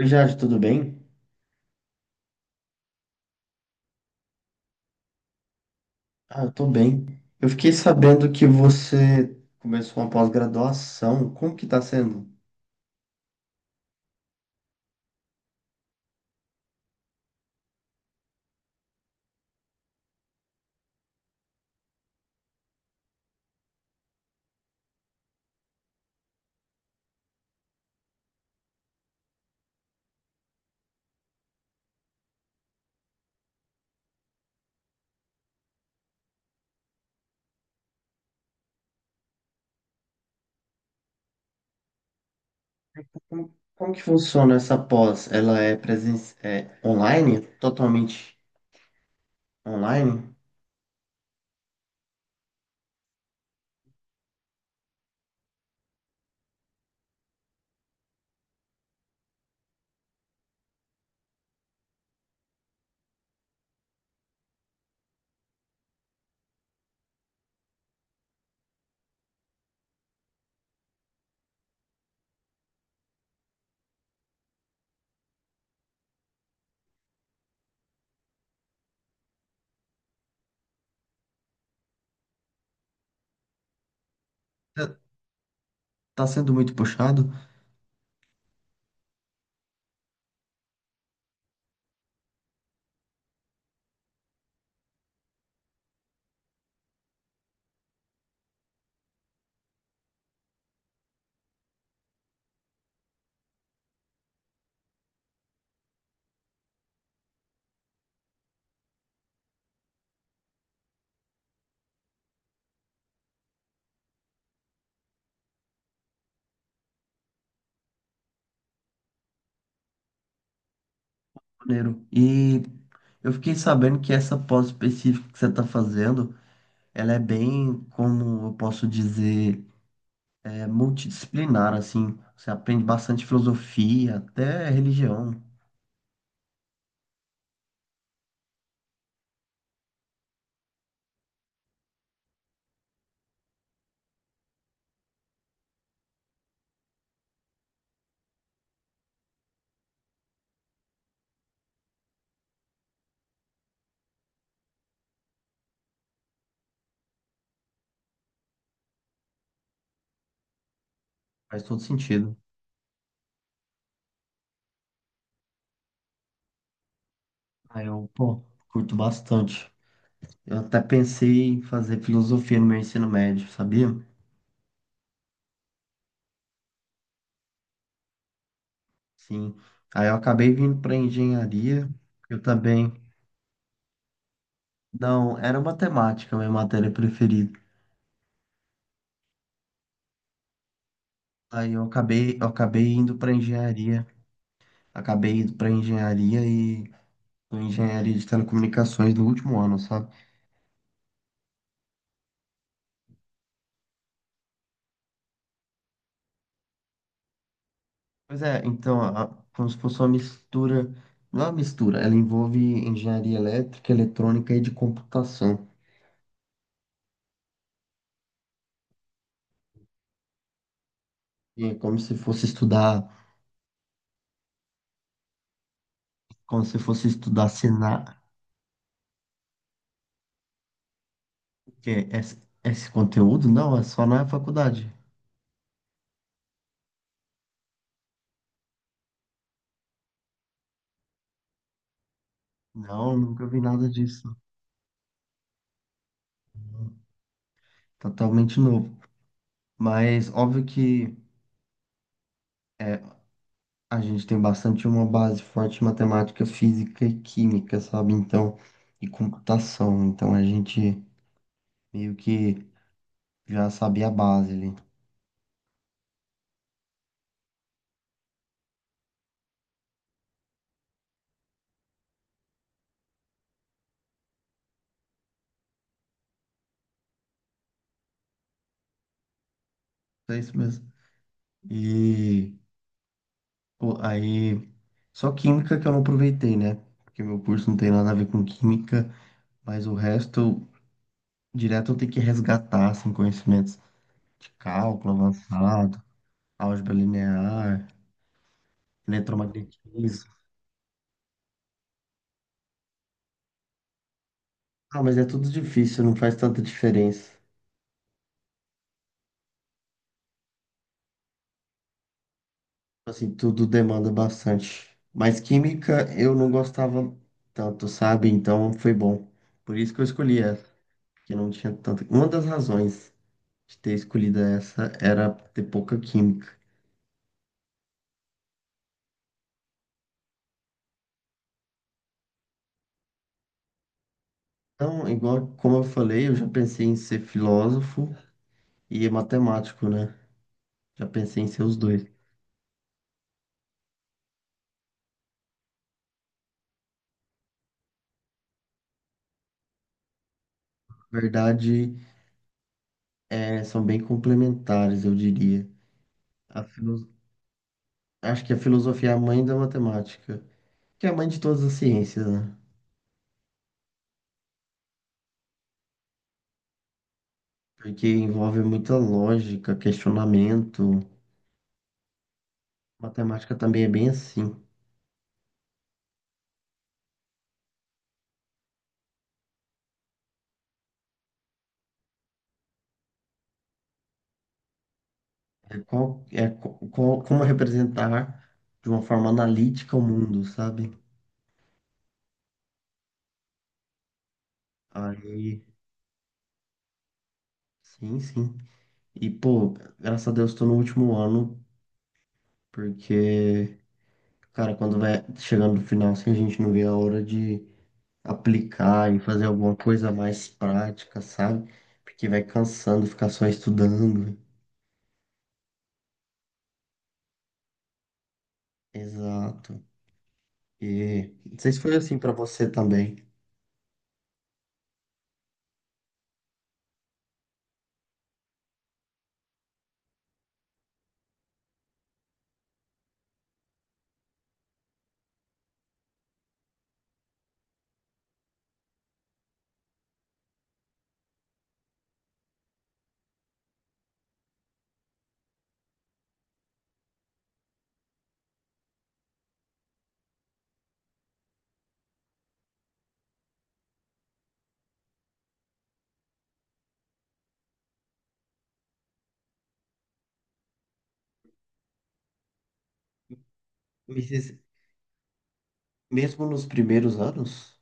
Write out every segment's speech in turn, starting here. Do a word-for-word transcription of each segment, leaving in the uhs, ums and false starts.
Oi, Jade, tudo bem? Ah, eu tô bem. Eu fiquei sabendo que você começou uma pós-graduação. Como que tá sendo? Como, como que funciona essa pós? Ela é presen é online? Totalmente online? Tá tá sendo muito puxado? Maneiro. E eu fiquei sabendo que essa pós específica que você está fazendo, ela é bem, como eu posso dizer, é multidisciplinar, assim. Você aprende bastante filosofia, até religião. Faz todo sentido. Ah, eu, pô, curto bastante. Eu até pensei em fazer filosofia no meu ensino médio, sabia? Sim. Aí eu acabei vindo para engenharia. Eu também. Não, era matemática, minha matéria preferida. Aí eu acabei, eu acabei indo para engenharia. Acabei indo para engenharia e tô em engenharia de telecomunicações no último ano, sabe? Pois é, então, a- como se fosse uma mistura. Não é uma mistura, ela envolve engenharia elétrica, eletrônica e de computação. E é como se fosse estudar Como se fosse estudar senar que é esse, esse conteúdo? Não, é só na faculdade. Não, nunca vi nada disso. Totalmente novo. Mas óbvio que é, a gente tem bastante uma base forte em matemática, física e química, sabe? Então, e computação. Então a gente meio que já sabia a base ali. É isso mesmo. E pô, aí, só química que eu não aproveitei, né? Porque meu curso não tem nada a ver com química, mas o resto direto eu tenho que resgatar assim, conhecimentos de cálculo avançado, álgebra linear, eletromagnetismo. Ah, mas é tudo difícil, não faz tanta diferença. Assim, tudo demanda bastante. Mas química eu não gostava tanto, sabe? Então foi bom. Por isso que eu escolhi essa, que não tinha tanta. Uma das razões de ter escolhido essa era ter pouca química. Então, igual como eu falei, eu já pensei em ser filósofo e matemático, né? Já pensei em ser os dois. Na verdade, é, são bem complementares, eu diria. A filo- Acho que a filosofia é a mãe da matemática, que é a mãe de todas as ciências, né? Porque envolve muita lógica, questionamento. Matemática também é bem assim. É, qual, é co- qual- Como representar de uma forma analítica o mundo, sabe? Aí, sim, sim. E, pô, graças a Deus, estou no último ano, porque, cara, quando vai chegando no final, assim, a gente não vê a hora de aplicar e fazer alguma coisa mais prática, sabe? Porque vai cansando ficar só estudando. Exato. E não sei se foi assim pra você também. Me diz- Mesmo nos primeiros anos?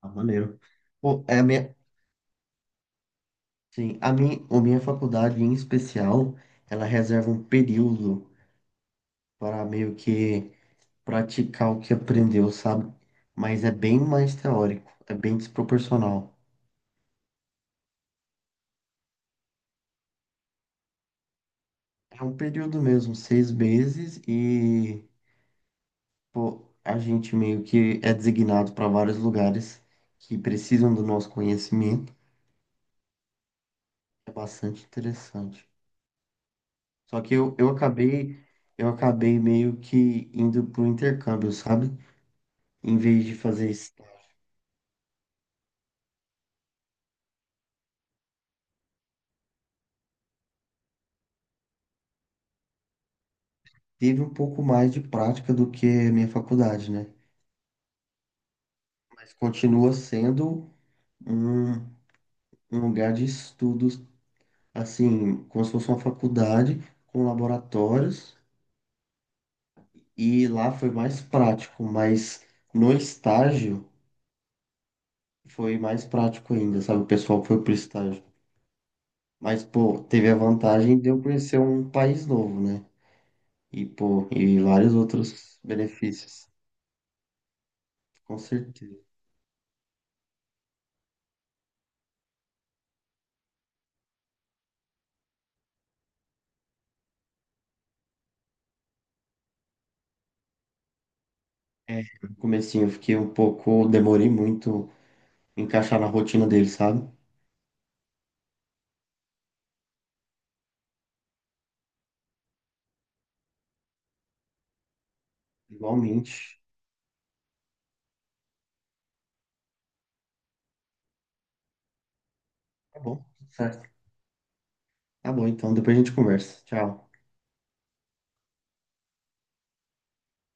Ah, maneiro. Pô, é a minha, sim, a minha, a minha faculdade em especial, ela reserva um período para meio que praticar o que aprendeu, sabe? Mas é bem mais teórico, é bem desproporcional. É um período mesmo, seis meses e pô, a gente meio que é designado para vários lugares que precisam do nosso conhecimento. É bastante interessante. Só que eu, eu acabei, eu acabei meio que indo pro intercâmbio, sabe? Em vez de fazer isso. Teve um pouco mais de prática do que a minha faculdade, né? Mas continua sendo um, um lugar de estudos, assim, como se fosse uma faculdade com laboratórios. E lá foi mais prático, mas no estágio. Foi mais prático ainda, sabe? O pessoal foi pro estágio. Mas, pô, teve a vantagem de eu conhecer um país novo, né? E, pô, e vários outros benefícios, com certeza. É, no comecinho eu fiquei um pouco, demorei muito em encaixar na rotina dele, sabe? Igualmente. Tá bom, tudo certo. Tá bom, então, depois a gente conversa. Tchau.